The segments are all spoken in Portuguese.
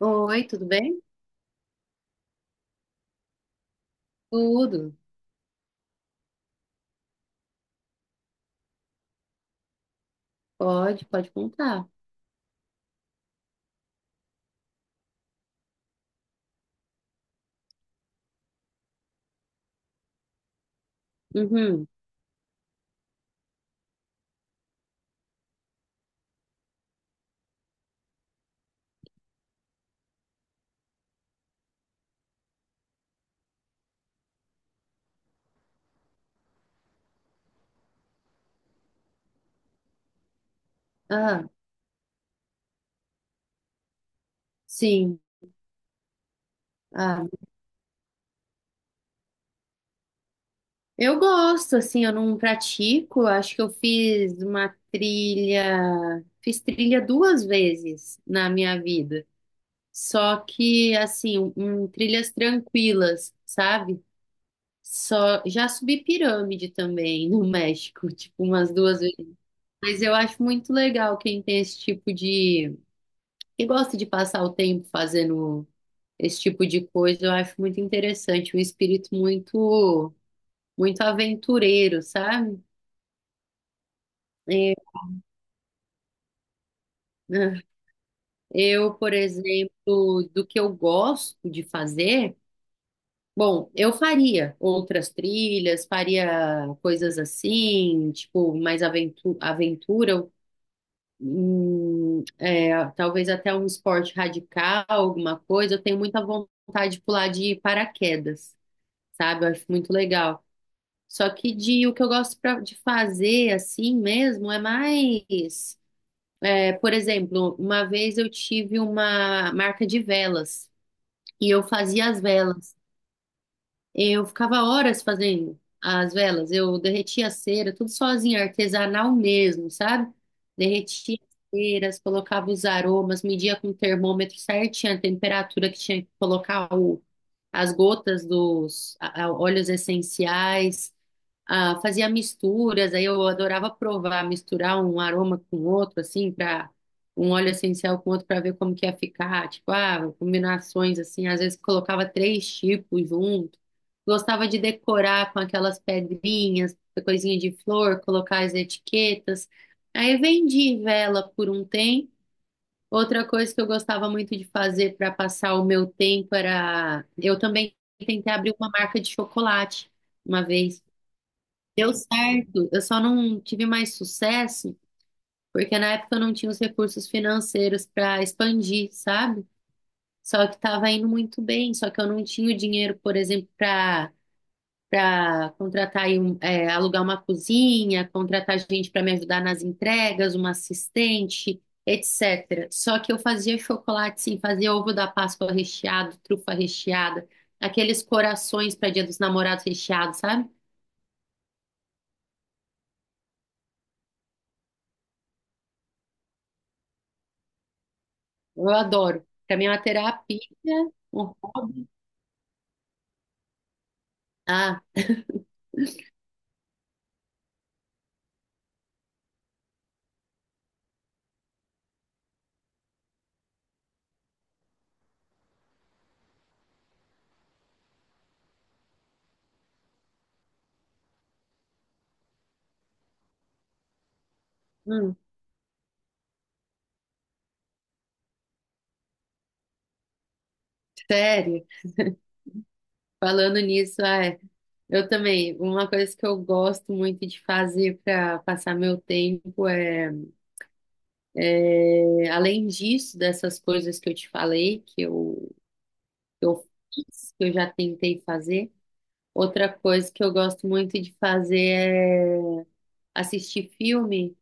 Oi, tudo bem? Tudo. Pode, pode contar. Uhum. Ah, sim. Ah, eu gosto, assim, eu não pratico. Acho que eu fiz uma trilha, fiz trilha duas vezes na minha vida. Só que, assim, trilhas tranquilas, sabe? Só, já subi pirâmide também no México, tipo, umas duas vezes. Mas eu acho muito legal quem tem esse tipo de, que gosta de passar o tempo fazendo esse tipo de coisa. Eu acho muito interessante, um espírito muito, muito aventureiro, sabe? É, né? Eu, por exemplo, do que eu gosto de fazer, bom, eu faria outras trilhas, faria coisas assim, tipo, mais aventura, é, talvez até um esporte radical, alguma coisa. Eu tenho muita vontade de pular de paraquedas, sabe? Eu acho muito legal. Só que de o que eu gosto de fazer assim mesmo é mais, é, por exemplo, uma vez eu tive uma marca de velas e eu fazia as velas. Eu ficava horas fazendo as velas, eu derretia a cera, tudo sozinha, artesanal mesmo, sabe? Derretia as ceras, colocava os aromas, media com o termômetro certinho a temperatura que tinha que colocar as gotas dos óleos essenciais. Ah, fazia misturas, aí eu adorava provar, misturar um aroma com outro, assim, para um óleo essencial com outro para ver como que ia ficar, tipo, ah, combinações assim, às vezes colocava três tipos junto. Gostava de decorar com aquelas pedrinhas, coisinha de flor, colocar as etiquetas. Aí vendi vela por um tempo. Outra coisa que eu gostava muito de fazer para passar o meu tempo era, eu também tentei abrir uma marca de chocolate uma vez. Deu certo, eu só não tive mais sucesso porque na época eu não tinha os recursos financeiros para expandir, sabe? Só que estava indo muito bem, só que eu não tinha o dinheiro, por exemplo, para contratar aí um, é, alugar uma cozinha, contratar gente para me ajudar nas entregas, uma assistente, etc. Só que eu fazia chocolate, sim, fazia ovo da Páscoa recheado, trufa recheada, aqueles corações para Dia dos Namorados recheados, sabe? Eu adoro. Para mim é uma terapia, um hobby. Ah, hum, sério. Falando nisso, é, eu também. Uma coisa que eu gosto muito de fazer para passar meu tempo é, é, além disso, dessas coisas que eu te falei, que eu fiz, que eu já tentei fazer. Outra coisa que eu gosto muito de fazer é assistir filme.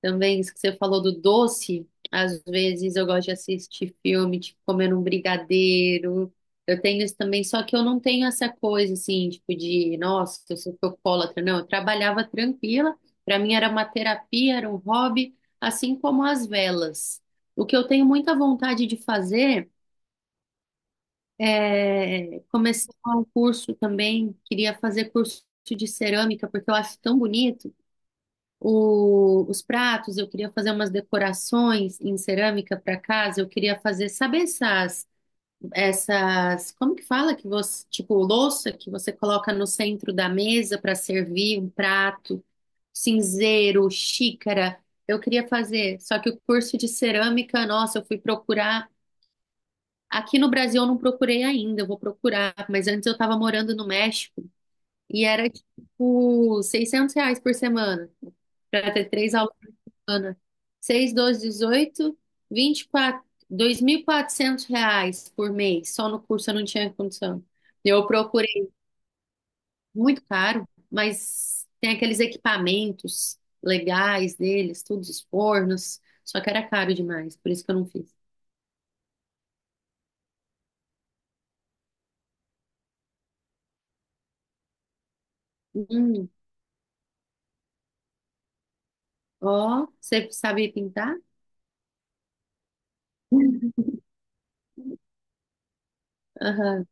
Também, isso que você falou do doce, às vezes eu gosto de assistir filme, tipo, comendo um brigadeiro. Eu tenho isso também, só que eu não tenho essa coisa, assim, tipo, de, nossa, eu sou alcoólatra. Não, eu trabalhava tranquila, para mim era uma terapia, era um hobby, assim como as velas. O que eu tenho muita vontade de fazer é começar um curso também, queria fazer curso de cerâmica, porque eu acho tão bonito os pratos. Eu queria fazer umas decorações em cerâmica para casa, eu queria fazer, sabe essas, essas, como que fala que você, tipo, louça que você coloca no centro da mesa para servir um prato, cinzeiro, xícara. Eu queria fazer, só que o curso de cerâmica, nossa, eu fui procurar. Aqui no Brasil eu não procurei ainda, eu vou procurar, mas antes eu estava morando no México e era tipo R$ 600 por semana para ter três aulas, Ana. 6, 12, 18, 24, R$ 400 por mês. Só no curso eu não tinha condição. Eu procurei, muito caro, mas tem aqueles equipamentos legais deles, tudo os fornos. Só que era caro demais, por isso que eu não fiz. Hum, ó, você sabe pintar? Aham.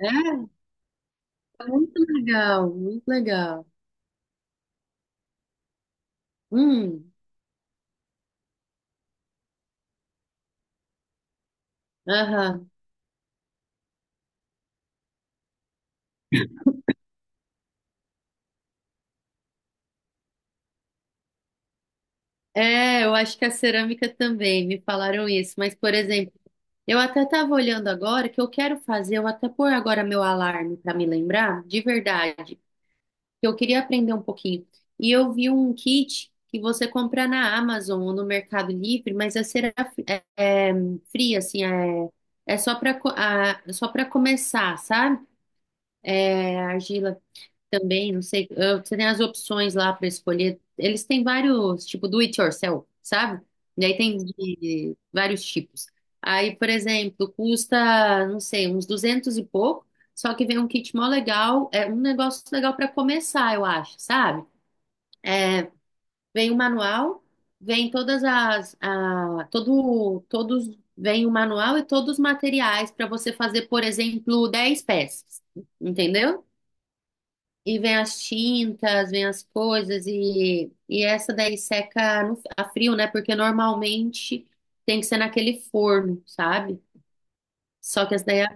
É, muito legal, muito legal. Hum, aham. É, eu acho que a cerâmica também, me falaram isso. Mas, por exemplo, eu até estava olhando agora que eu quero fazer, eu até pôr agora meu alarme para me lembrar, de verdade, que eu queria aprender um pouquinho. E eu vi um kit que você compra na Amazon ou no Mercado Livre, mas é, é fria, assim, é só para começar, sabe? É argila também, não sei, você tem as opções lá para escolher. Eles têm vários, tipo, do it yourself, sabe? E aí tem de vários tipos. Aí, por exemplo, custa, não sei, uns 200 e pouco, só que vem um kit mó legal, é um negócio legal para começar, eu acho, sabe? Vem o manual, vem todas as, a, todo, todos, vem o manual e todos os materiais para você fazer, por exemplo, 10 peças, entendeu? E vem as tintas, vem as coisas, e essa daí seca a frio, né? Porque normalmente tem que ser naquele forno, sabe? Só que essa daí é...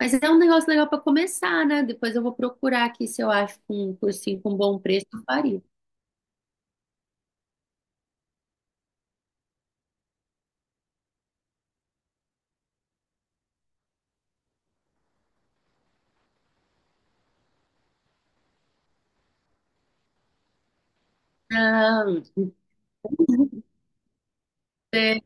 Mas é um negócio legal para começar, né? Depois eu vou procurar aqui se eu acho com um cursinho com bom preço, eu faria. Não, é,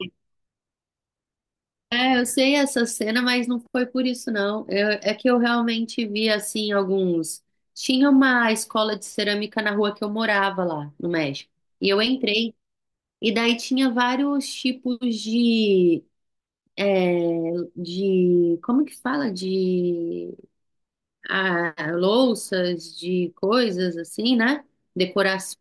eu sei essa cena, mas não foi por isso, não. É que eu realmente vi, assim, alguns... Tinha uma escola de cerâmica na rua que eu morava lá, no México. E eu entrei. E daí tinha vários tipos de, como que fala? De ah, louças, de coisas assim, né? Decorações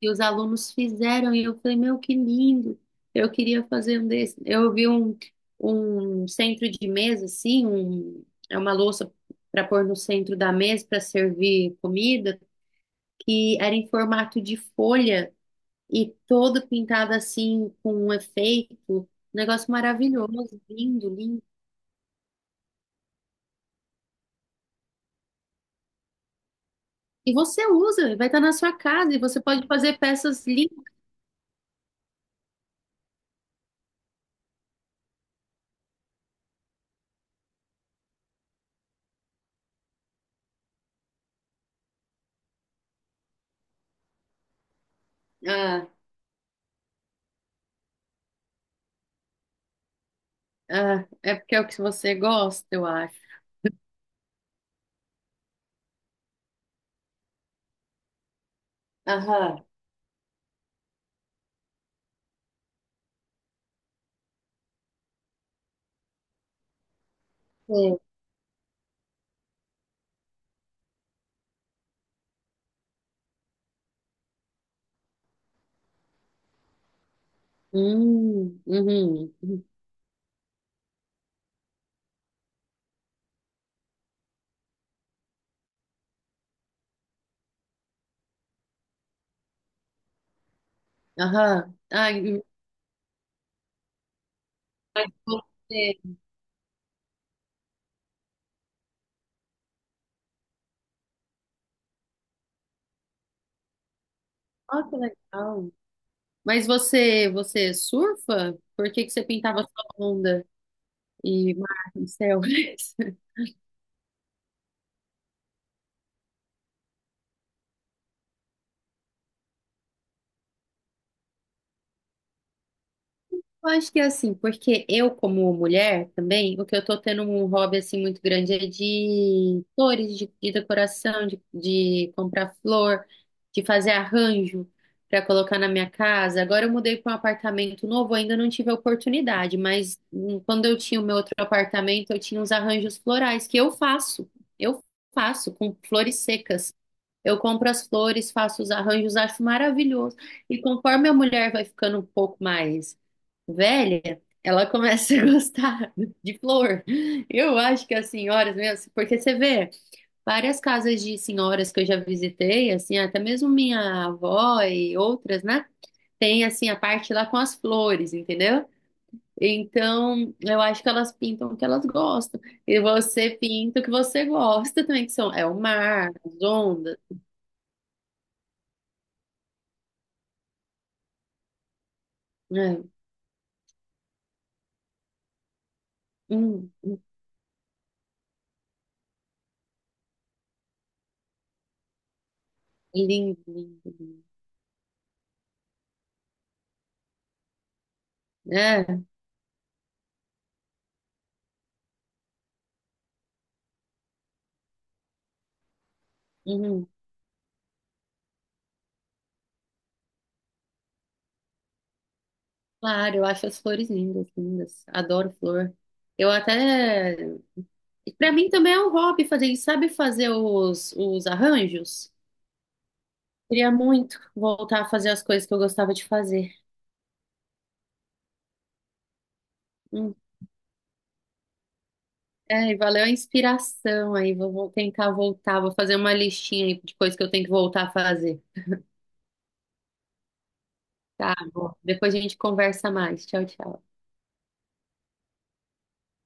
que os alunos fizeram. E eu falei, meu, que lindo! Eu queria fazer um desse. Eu vi um centro de mesa, assim, é uma louça para pôr no centro da mesa para servir comida, que era em formato de folha, e todo pintado assim com um efeito, um negócio maravilhoso, lindo, lindo. E você usa, vai estar na sua casa e você pode fazer peças lindas. Ah, ah, é porque é o que você gosta, eu acho. Aham. É. Uhum, uhum. Aham. Ai, mas você... Ó, que legal. Mas você, você surfa? Por que que você pintava sua onda e mar no céu? Eu acho que é assim, porque eu, como mulher também, o que eu tô tendo um hobby assim muito grande é de flores, de decoração, de comprar flor, de fazer arranjo para colocar na minha casa. Agora eu mudei para um apartamento novo, ainda não tive a oportunidade, mas quando eu tinha o meu outro apartamento, eu tinha uns arranjos florais que eu faço. Eu faço com flores secas. Eu compro as flores, faço os arranjos, acho maravilhoso. E conforme a mulher vai ficando um pouco mais velha, ela começa a gostar de flor. Eu acho que as senhoras mesmo, assim, porque você vê várias casas de senhoras que eu já visitei, assim, até mesmo minha avó e outras, né? Tem assim a parte lá com as flores, entendeu? Então, eu acho que elas pintam o que elas gostam. E você pinta o que você gosta também, que são, é o mar, as ondas. Né? Hum, lindo, lindo, lindo. É, uhum. Claro, eu acho as flores lindas, lindas. Adoro flor. Eu até. Pra mim também é um hobby fazer isso. Sabe fazer os arranjos? Queria muito voltar a fazer as coisas que eu gostava de fazer. Hum. É, e valeu a inspiração aí. Vou, vou tentar voltar. Vou fazer uma listinha aí de coisas que eu tenho que voltar a fazer. Tá bom. Depois a gente conversa mais. Tchau, tchau.